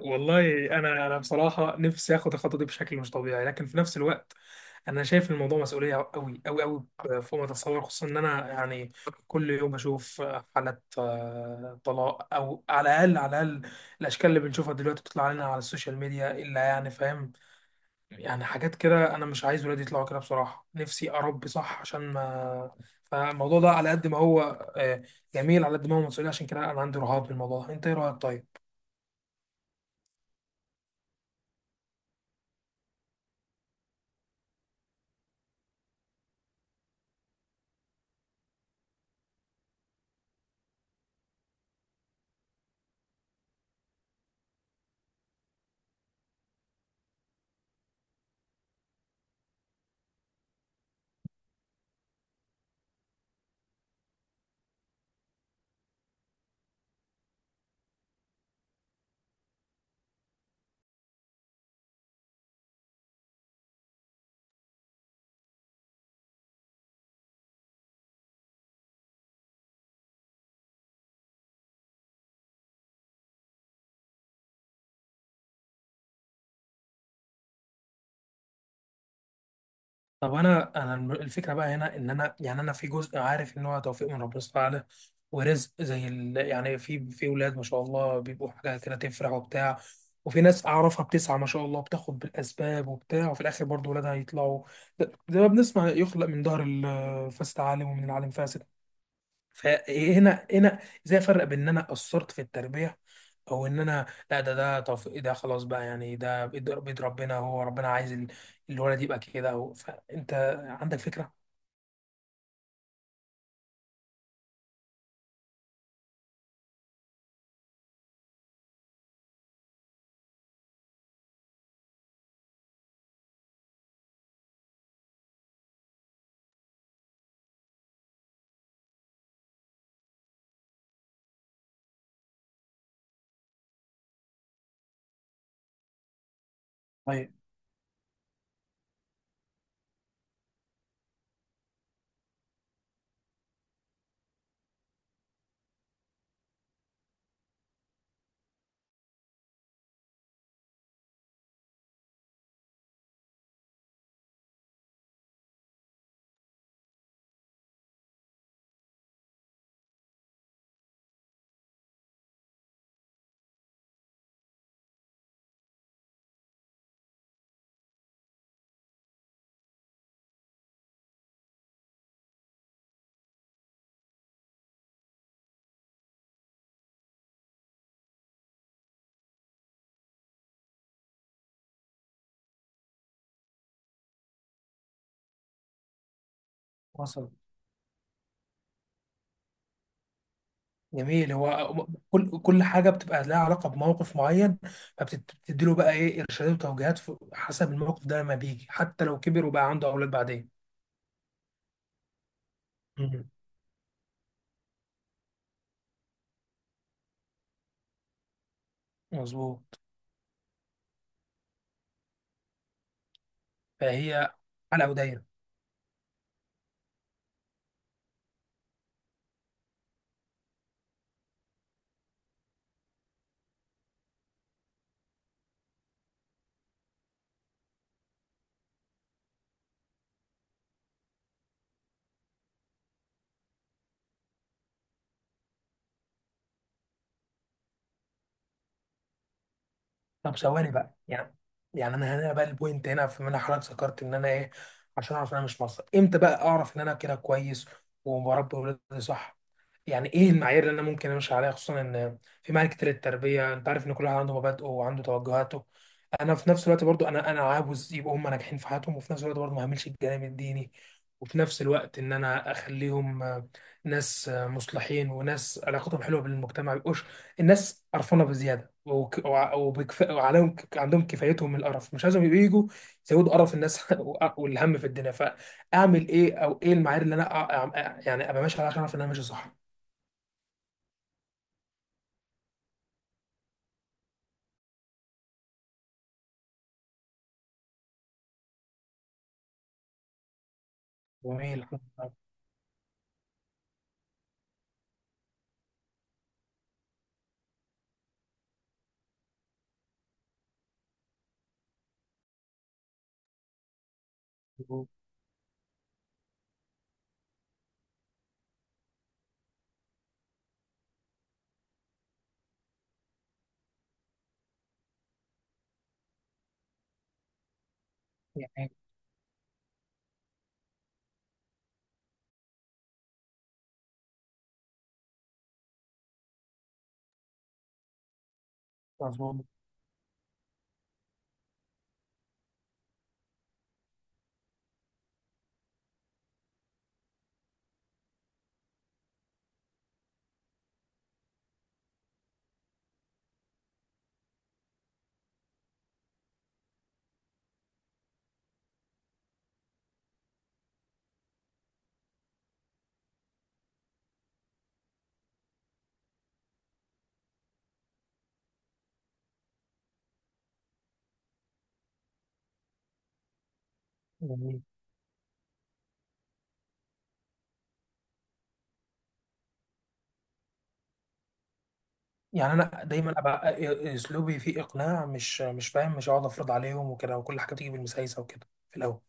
والله انا بصراحه نفسي اخد الخطوه دي بشكل مش طبيعي، لكن في نفس الوقت انا شايف الموضوع مسؤوليه قوي قوي قوي فوق ما تتصور. خصوصا ان انا يعني كل يوم بشوف حالات طلاق او على الاقل على الاقل الاشكال اللي بنشوفها دلوقتي بتطلع لنا على السوشيال ميديا، الا يعني فاهم، يعني حاجات كده. انا مش عايز ولادي يطلعوا كده، بصراحه نفسي اربي صح عشان ما. فالموضوع ده على قد ما هو آه، جميل على قد ما هو مسؤوليه، عشان كده انا عندي رهاب بالموضوع. انت ايه رايك؟ طيب، طب انا الفكره بقى هنا ان انا يعني انا في جزء عارف ان هو توفيق من ربنا سبحانه وتعالى ورزق. زي يعني في ولاد ما شاء الله بيبقوا حاجه كده تفرح وبتاع، وفي ناس اعرفها بتسعى ما شاء الله بتاخد بالاسباب وبتاع، وفي الاخر برضو ولادها يطلعوا زي ما بنسمع، يخلق من ظهر الفاسد عالم ومن العالم فاسد. فهنا ازاي افرق بين ان انا قصرت في التربيه او ان انا، لا، ده خلاص بقى، يعني ده بيد ربنا، هو ربنا عايز الولد يبقى كده، فانت عندك فكره؟ طيب، وصل. جميل، هو كل حاجه بتبقى لها علاقه بموقف معين، فبتدي له بقى ايه ارشادات وتوجيهات حسب الموقف ده لما بيجي، حتى لو كبر وبقى عنده اولاد بعدين. مم. مظبوط. فهي حلقه ودايره. طب ثواني بقى، يعني انا هنا بقى، البوينت هنا في منها حضرتك ذكرت ان انا ايه عشان اعرف ان انا مش مصري، امتى بقى اعرف ان انا كده كويس وبربي ولادي صح؟ يعني ايه المعايير اللي انا ممكن امشي عليها، خصوصا ان في معايير كتير للتربيه، انت عارف ان كل واحد عنده مبادئه وعنده توجهاته. انا في نفس الوقت برضو انا عاوز يبقوا هم ناجحين في حياتهم، وفي نفس الوقت برضو ما اهملش الجانب الديني، وفي نفس الوقت ان انا اخليهم ناس مصلحين وناس علاقتهم حلوه بالمجتمع، ما يبقوش الناس قرفانه بزياده وعليهم، عندهم كفايتهم من القرف، مش عايزهم يبقوا يجوا يزودوا قرف الناس والهم في الدنيا. فاعمل ايه او ايه المعايير اللي انا يعني ابقى ماشي عليها عشان اعرف ان انا ماشي صح؟ جميل، يعني، مظبوط. يعني انا دايما ابقى اسلوبي فيه اقناع، مش فاهم، مش هقعد افرض عليهم وكده، وكل حاجه بتيجي بالمسايسه وكده في الاول.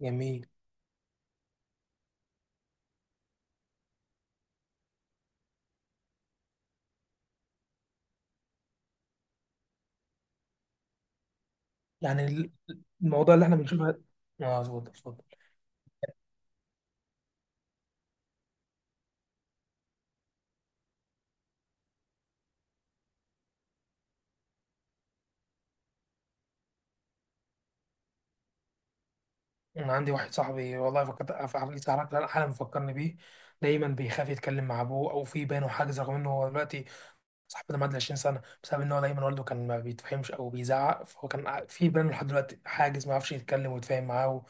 جميل، يعني. الموضوع اللي احنا بنشوفه... اه، اتفضل اتفضل. انا عندي واحد صاحبي، والله فكرت حالي حالا، مفكرني بيه، دايما بيخاف يتكلم مع ابوه، او في بينه حاجز. رغم انه هو دلوقتي صاحبي ده معدي 20 سنه، بسبب ان هو دايما والده كان ما بيتفهمش او بيزعق، فهو كان في بينه لحد دلوقتي حاجز، ما يعرفش يتكلم ويتفاهم معاه،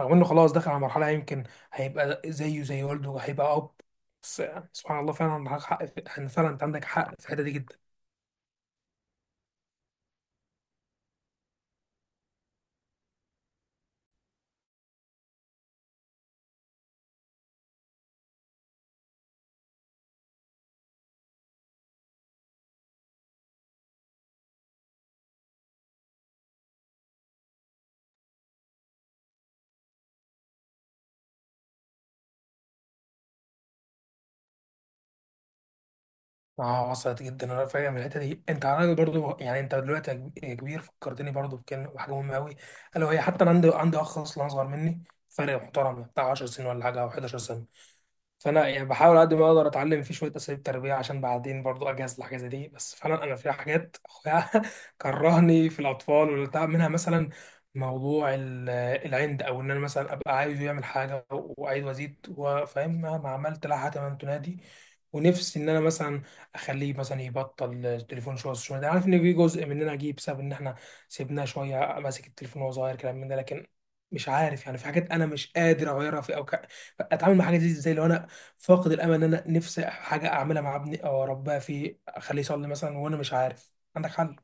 رغم انه خلاص دخل على مرحله يمكن هيبقى زيه زي والده، هيبقى اب. بس يعني سبحان الله، فعلا عندك حق ان فعلا انت عندك حق في الحته دي جدا. اه، وصلت جدا، انا فاهم الحته دي. انت عارف برضو، يعني انت دلوقتي يا يا كبير فكرتني برضو بكلمه، بحاجه مهمه قوي، الا وهي حتى انا عندي اخ اصلا اصغر مني، فرق محترم بتاع 10 سنين ولا حاجه، او 11 سنه. فانا يعني بحاول على قد ما اقدر اتعلم فيه شويه اساليب تربيه عشان بعدين برضو اجهز لحاجه زي دي، بس فعلا انا في حاجات اخويا كرهني في الاطفال والبتاع. منها مثلا موضوع العند، او ان انا مثلا ابقى عايزه يعمل حاجه وعايز وازيد وفاهم مهما عملت لا حتما تنادي. ونفسي ان انا مثلا اخليه مثلا يبطل التليفون شويه شويه، ده عارف ان في جزء مننا جه بسبب ان احنا سيبناه شويه ماسك التليفون وهو صغير، كلام من ده. لكن مش عارف، يعني في حاجات انا مش قادر اغيرها اتعامل مع حاجه دي ازاي لو انا فاقد الامل ان انا نفسي حاجه اعملها مع ابني او اربيها فيه، اخليه يصلي مثلا، وانا مش عارف. عندك حل؟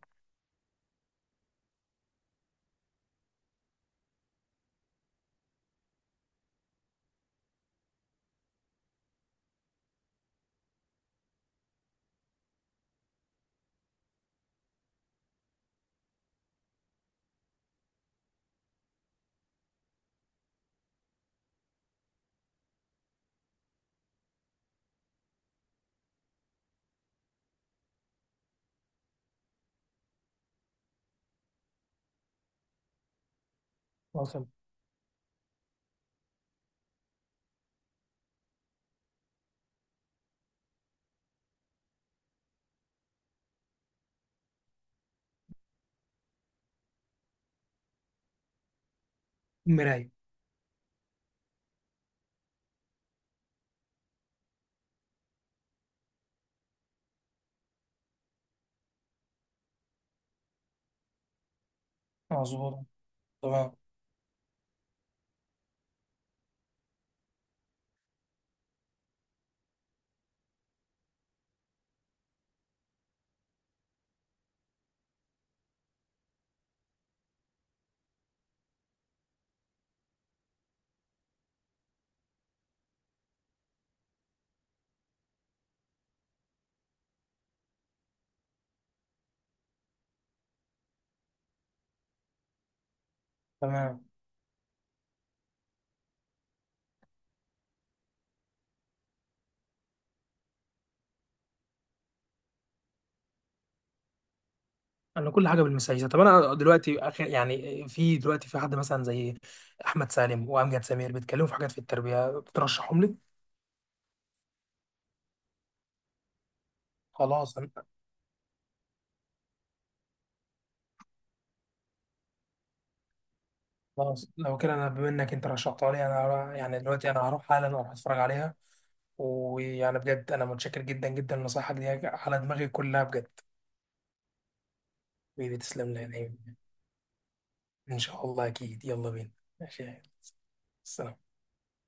وصل. مرايه. مظبوط. تمام، تمام. انا كل حاجه بالمسايسه. طب انا دلوقتي اخر يعني، في دلوقتي في حد مثلا زي احمد سالم وامجد سمير بيتكلموا في حاجات في التربيه بترشحهم لي؟ خلاص أنا خلاص، لو كده انا، بما انك انت رشحتها لي، انا يعني دلوقتي انا هروح حالا اروح اتفرج عليها. ويعني بجد انا متشكر جدا جدا لنصايحك دي، على دماغي كلها بجد. بتسلم لي، يعني إن شاء الله أكيد. يلا بينا. ماشي، السلام.